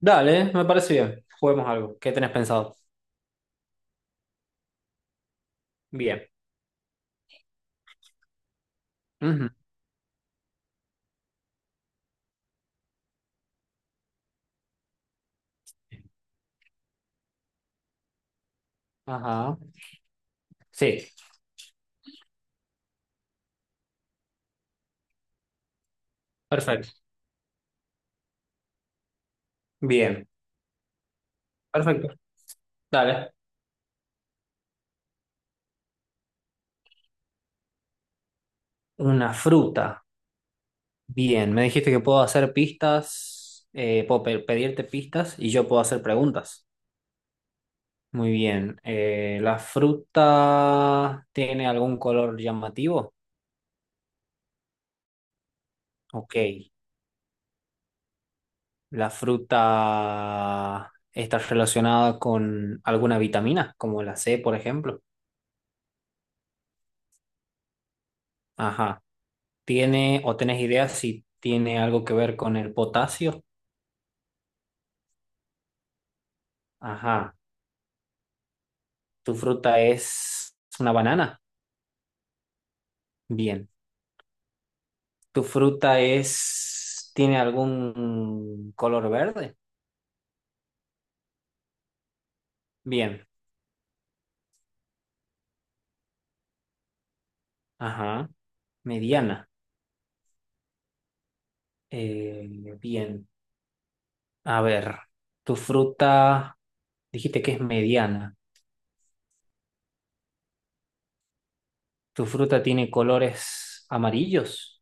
Dale, me parece bien. Juguemos algo. ¿Qué tenés pensado? Bien. Ujú. Ajá. Sí, perfecto. Bien. Perfecto. Dale. Una fruta. Bien. Me dijiste que puedo hacer pistas, pedirte pistas y yo puedo hacer preguntas. Muy bien. ¿La fruta tiene algún color llamativo? Ok. ¿La fruta está relacionada con alguna vitamina, como la C, por ejemplo? Ajá. Tiene, o tenés idea si tiene algo que ver con el potasio. Ajá. ¿Tu fruta es una banana? Bien. ¿Tu fruta es, tiene algún color verde? Bien. Ajá. Mediana. Eh, bien. A ver. ¿Tu fruta, dijiste que es mediana? ¿Tu fruta tiene colores amarillos?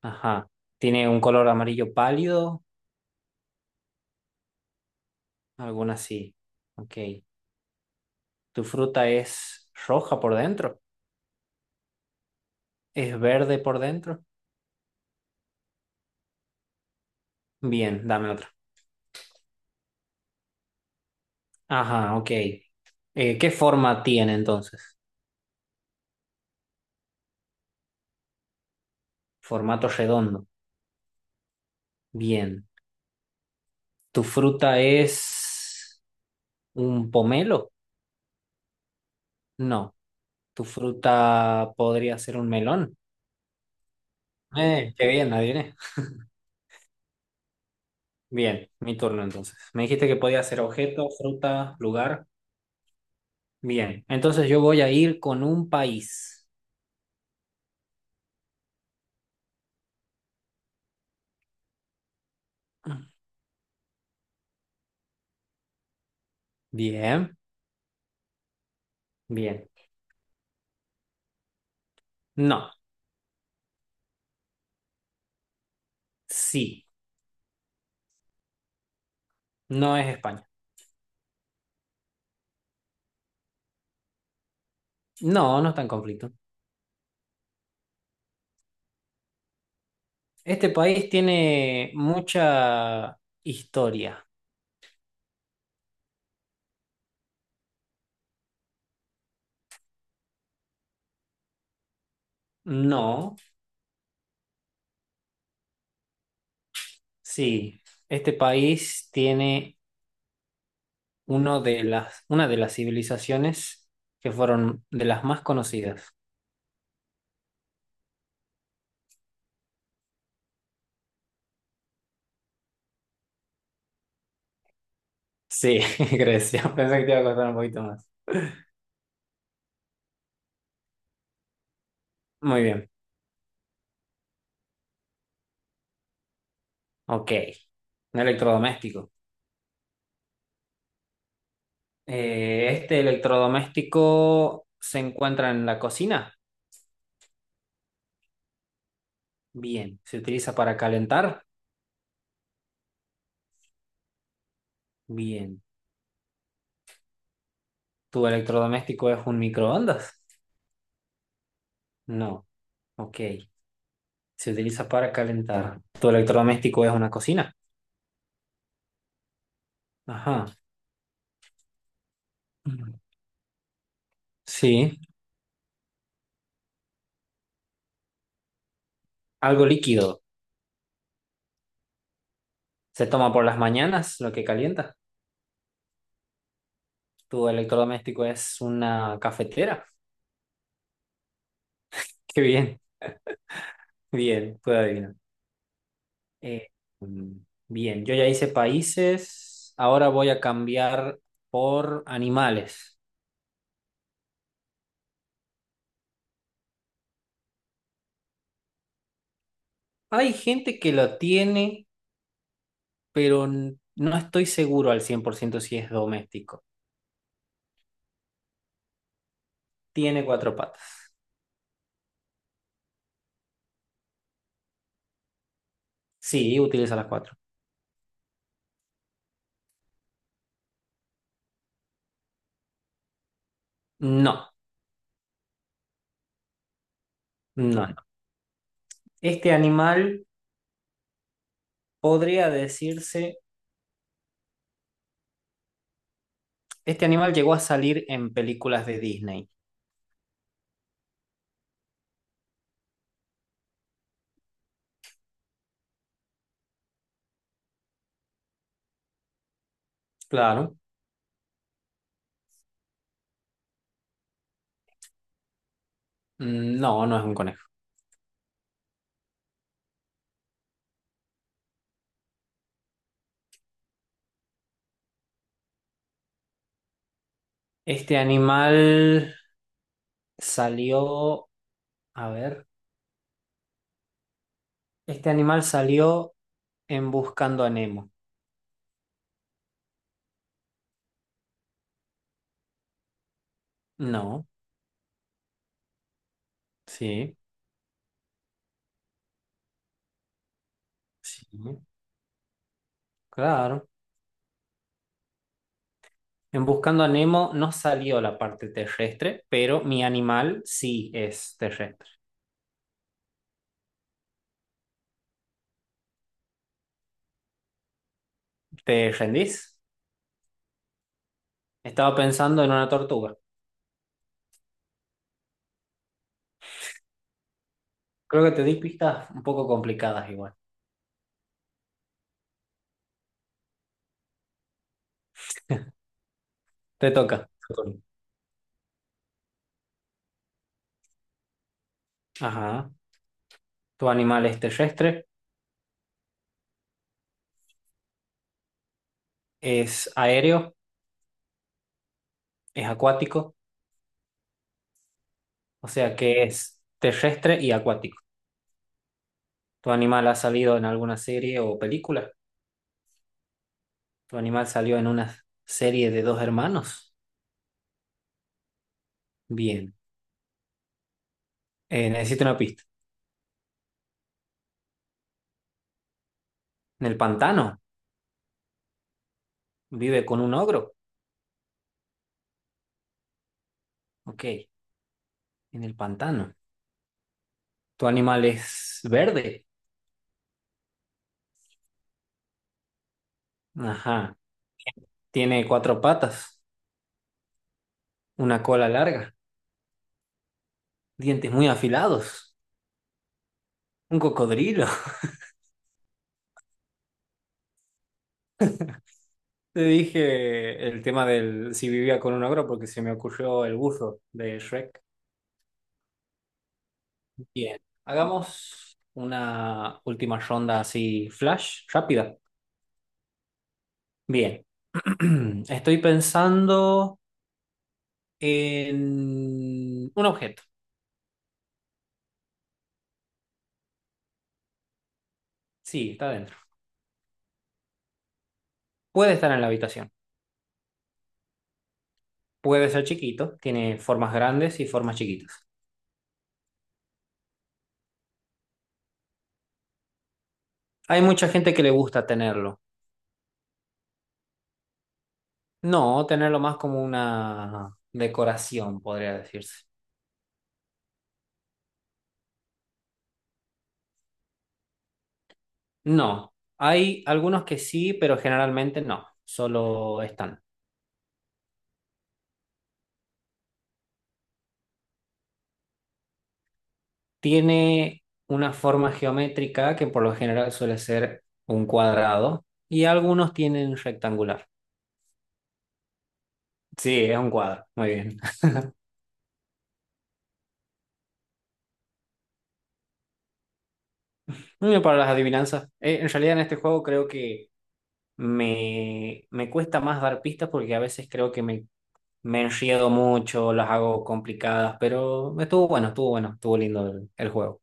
Ajá. ¿Tiene un color amarillo pálido? Alguna así. Ok. ¿Tu fruta es roja por dentro? Es verde por dentro. Bien, dame otra. Ajá, ok. ¿Qué forma tiene entonces? Formato redondo. Bien. ¿Tu fruta es un pomelo? No. ¿Tu fruta podría ser un melón? Qué bien, adiviné. Bien, mi turno entonces. Me dijiste que podía ser objeto, fruta, lugar. Bien, entonces yo voy a ir con un país. Bien, bien. No, sí, no es España. No, no está en conflicto. Este país tiene mucha historia. No, sí. Este país tiene una de las civilizaciones que fueron de las más conocidas. Sí, Grecia. Pensé que te iba a costar un poquito más. Muy bien. Ok. Un electrodoméstico. Este electrodoméstico se encuentra en la cocina. Bien. ¿Se utiliza para calentar? Bien. ¿Tu electrodoméstico es un microondas? No. Ok, se utiliza para calentar. Tu electrodoméstico es una cocina. Ajá. Sí, algo líquido. Se toma por las mañanas, lo que calienta. Tu electrodoméstico es una cafetera. Qué bien, bien, puedo adivinar. Eh, mm, bien, yo ya hice países. Ahora voy a cambiar por animales. Hay gente que lo tiene, pero no estoy seguro al 100% si es doméstico. Tiene cuatro patas. Sí, utiliza las cuatro. No, no, no. Este animal podría decirse, este animal llegó a salir en películas de Disney. Claro. Mm, no, no es un conejo. Este animal salió, a ver, este animal salió en Buscando a Nemo. No, sí, sí, claro. En Buscando a Nemo no salió la parte terrestre, pero mi animal sí es terrestre. ¿Te rendís? Estaba pensando en una tortuga. Creo que te di pistas un poco complicadas igual. Te toca. Antonio. Ajá. ¿Tu animal es terrestre? ¿Es aéreo? ¿Es acuático? O sea, que es terrestre y acuático. ¿Tu animal ha salido en alguna serie o película? ¿Tu animal salió en una serie de dos hermanos? Bien. Necesito una pista. ¿En el pantano? ¿Vive con un ogro? Ok. En el pantano. ¿Tu animal es verde? Ajá. ¿Tiene cuatro patas? ¿Una cola larga? ¿Dientes muy afilados? Un cocodrilo. Te dije el tema del si vivía con un ogro porque se me ocurrió el buzo de Shrek. Bien. Hagamos una última ronda así flash, rápida. Bien. Estoy pensando en un objeto. Sí, está adentro. Puede estar en la habitación. Puede ser chiquito. Tiene formas grandes y formas chiquitas. Hay mucha gente que le gusta tenerlo. No, tenerlo más como una decoración, podría decirse. No, hay algunos que sí, pero generalmente no, solo están. Tiene una forma geométrica que por lo general suele ser un cuadrado y algunos tienen rectangular. Sí, es un cuadro, muy bien. Muy bien para las adivinanzas. En realidad en este juego creo que me cuesta más dar pistas porque a veces creo que me enriedo mucho, las hago complicadas, pero estuvo bueno, estuvo bueno, estuvo lindo el juego.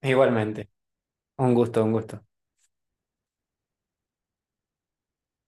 Igualmente, un gusto, un gusto.